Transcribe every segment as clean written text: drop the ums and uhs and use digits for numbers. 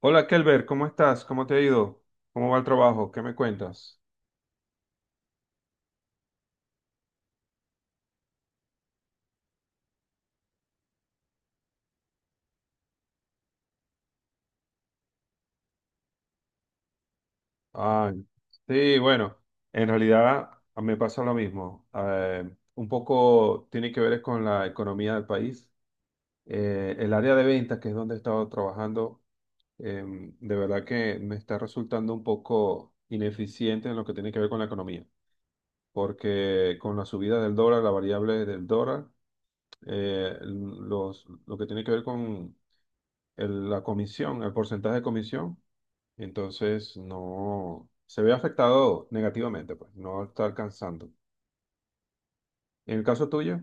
Hola Kelber, ¿cómo estás? ¿Cómo te ha ido? ¿Cómo va el trabajo? ¿Qué me cuentas? Ay, sí, bueno, en realidad me pasa lo mismo. Un poco tiene que ver es con la economía del país. El área de ventas, que es donde he estado trabajando, de verdad que me está resultando un poco ineficiente en lo que tiene que ver con la economía, porque con la subida del dólar, la variable del dólar, lo que tiene que ver con la comisión, el porcentaje de comisión. Entonces, no se ve afectado negativamente, pues no está alcanzando. En el caso tuyo,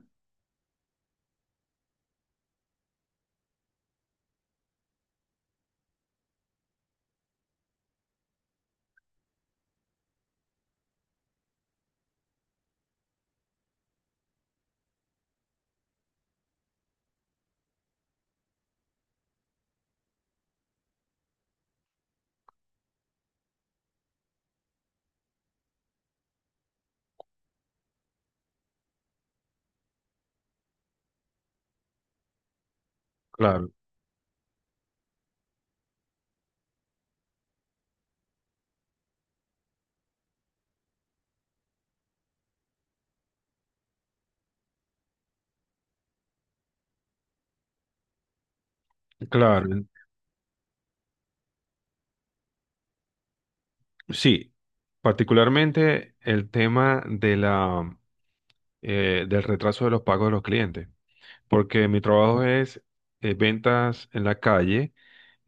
claro, claro. Sí, particularmente el tema de la, del retraso de los pagos de los clientes, porque mi trabajo es ventas en la calle,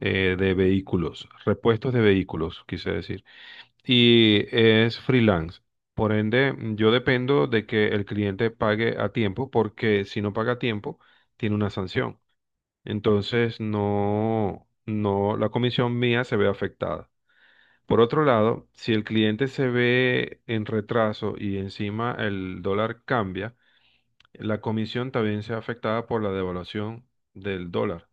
de vehículos, repuestos de vehículos, quise decir. Y es freelance. Por ende, yo dependo de que el cliente pague a tiempo, porque si no paga a tiempo, tiene una sanción. Entonces, no, no, la comisión mía se ve afectada. Por otro lado, si el cliente se ve en retraso y encima el dólar cambia, la comisión también se ve afectada por la devaluación del dólar.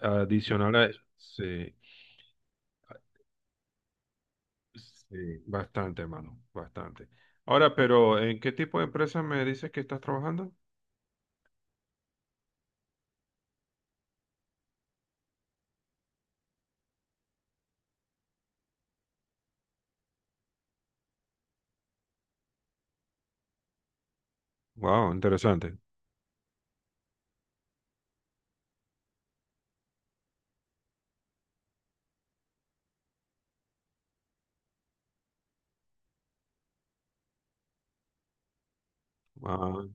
Adicional a eso, sí. Sí, bastante, mano, bastante. Ahora, pero ¿en qué tipo de empresa me dices que estás trabajando? Wow, interesante. Ah,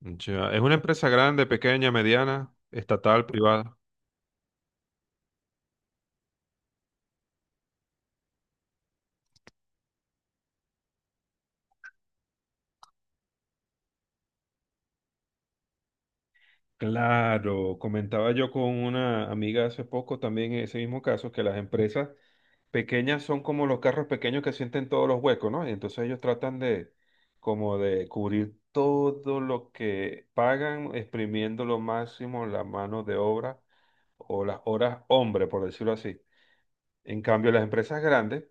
ya. ¿Es una empresa grande, pequeña, mediana, estatal, privada? Claro, comentaba yo con una amiga hace poco también en ese mismo caso, que las empresas pequeñas son como los carros pequeños que sienten todos los huecos, ¿no? Y entonces ellos tratan de como de cubrir todo lo que pagan, exprimiendo lo máximo la mano de obra o las horas hombre, por decirlo así. En cambio, las empresas grandes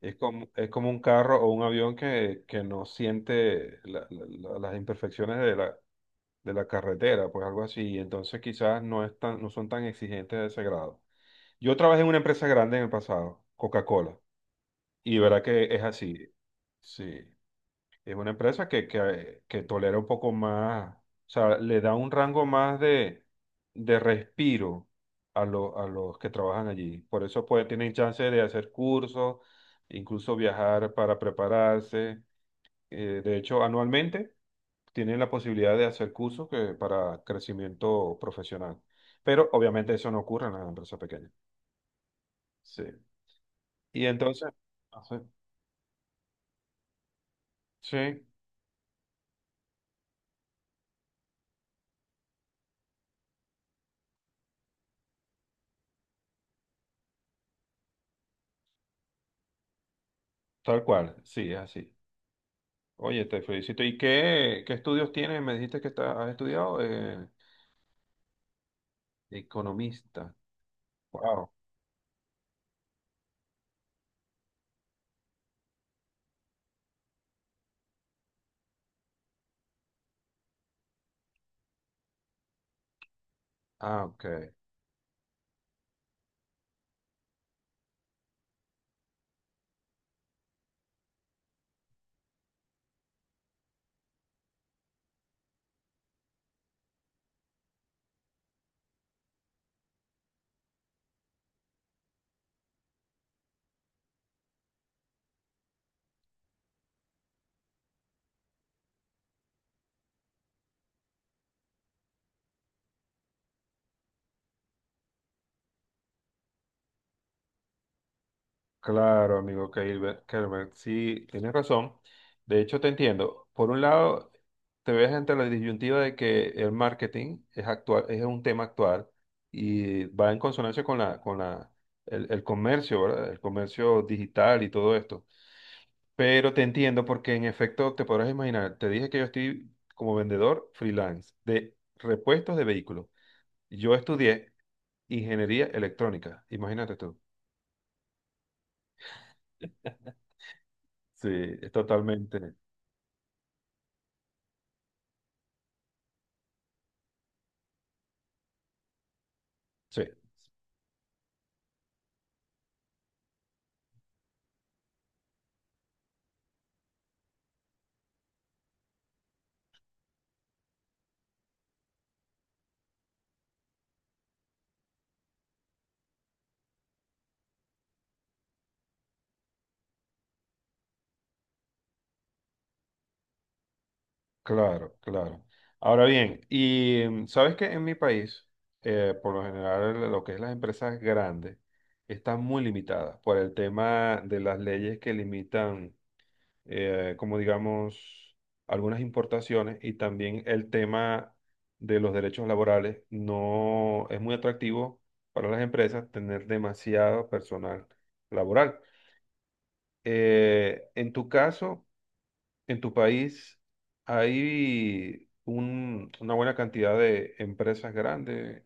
es como un carro o un avión que no siente las imperfecciones de la carretera, pues algo así. Entonces quizás no, no son tan exigentes de ese grado. Yo trabajé en una empresa grande en el pasado, Coca-Cola, y verá que es así. Sí. Es una empresa que tolera un poco más, o sea, le da un rango más de respiro a los que trabajan allí. Por eso pueden, tienen chance de hacer cursos, incluso viajar para prepararse. De hecho, anualmente tienen la posibilidad de hacer cursos que, para crecimiento profesional. Pero obviamente eso no ocurre en las empresas pequeñas. Sí. Y entonces, ah, sí, sí, tal cual, sí, es así. Oye, te felicito. ¿Y qué, qué estudios tienes? Me dijiste que has estudiado, economista. Wow. Ah, ok. Claro, amigo Kelber, Kelber, sí, tienes razón. De hecho, te entiendo. Por un lado, te ves ante la disyuntiva de que el marketing es actual, es un tema actual y va en consonancia con la, el comercio, ¿verdad? El comercio digital y todo esto. Pero te entiendo porque en efecto te podrás imaginar, te dije que yo estoy como vendedor freelance de repuestos de vehículos. Yo estudié ingeniería electrónica, imagínate tú. Sí, es totalmente. Sí. Claro, claro. Ahora bien, y sabes que en mi país, por lo general, lo que es las empresas grandes están muy limitadas por el tema de las leyes que limitan, como digamos, algunas importaciones y también el tema de los derechos laborales. No es muy atractivo para las empresas tener demasiado personal laboral. En tu caso, en tu país hay una buena cantidad de empresas grandes.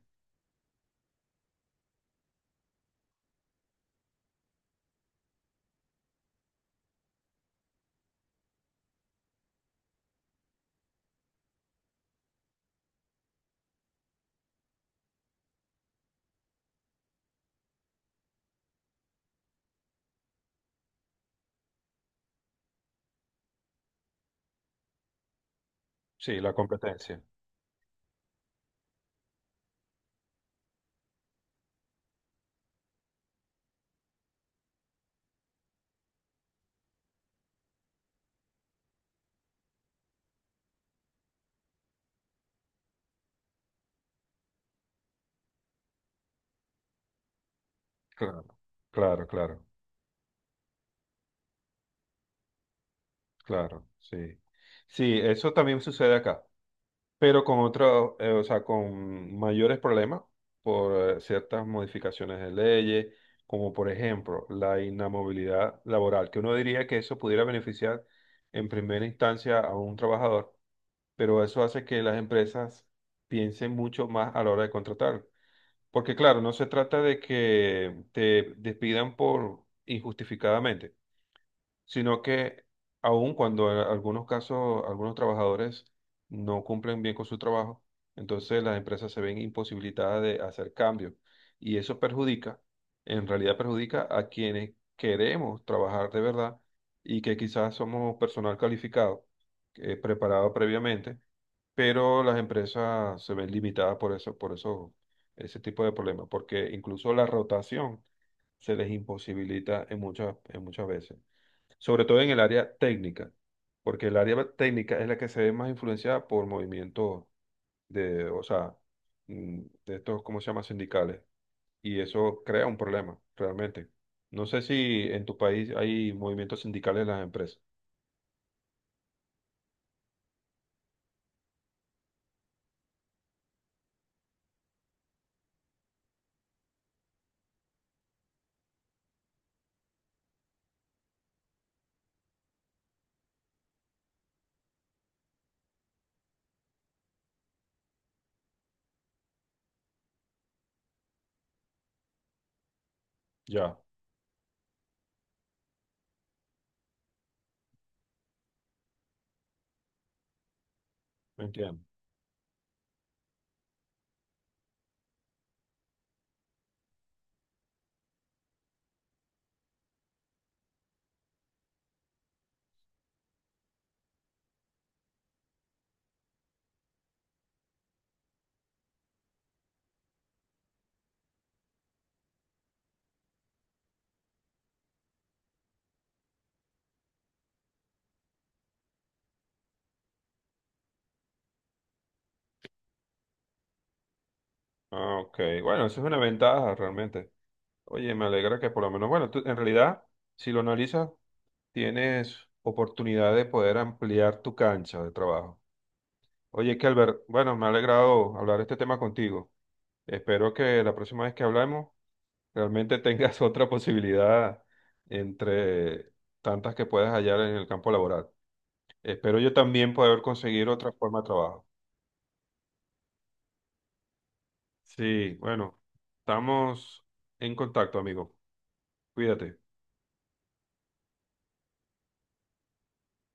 Sí, la competencia. Claro, claro, claro, claro, sí. Sí, eso también sucede acá, pero con otro, o sea, con mayores problemas por, ciertas modificaciones de leyes, como por ejemplo la inamovilidad laboral, que uno diría que eso pudiera beneficiar en primera instancia a un trabajador, pero eso hace que las empresas piensen mucho más a la hora de contratar. Porque claro, no se trata de que te despidan por injustificadamente, sino que aun cuando en algunos casos algunos trabajadores no cumplen bien con su trabajo, entonces las empresas se ven imposibilitadas de hacer cambios y eso perjudica, en realidad perjudica a quienes queremos trabajar de verdad y que quizás somos personal calificado, preparado previamente, pero las empresas se ven limitadas por eso, ese tipo de problemas, porque incluso la rotación se les imposibilita en en muchas veces, sobre todo en el área técnica, porque el área técnica es la que se ve más influenciada por movimientos de, o sea, mm, de estos, ¿cómo se llama? Sindicales, y eso crea un problema, realmente. No sé si en tu país hay movimientos sindicales en las empresas. Ya, entiendo. Ah, ok. Bueno, eso es una ventaja realmente. Oye, me alegra que por lo menos, bueno, en realidad, si lo analizas, tienes oportunidad de poder ampliar tu cancha de trabajo. Oye, Kelber, bueno, me ha alegrado hablar este tema contigo. Espero que la próxima vez que hablemos realmente tengas otra posibilidad entre tantas que puedas hallar en el campo laboral. Espero yo también poder conseguir otra forma de trabajo. Sí, bueno, estamos en contacto, amigo. Cuídate.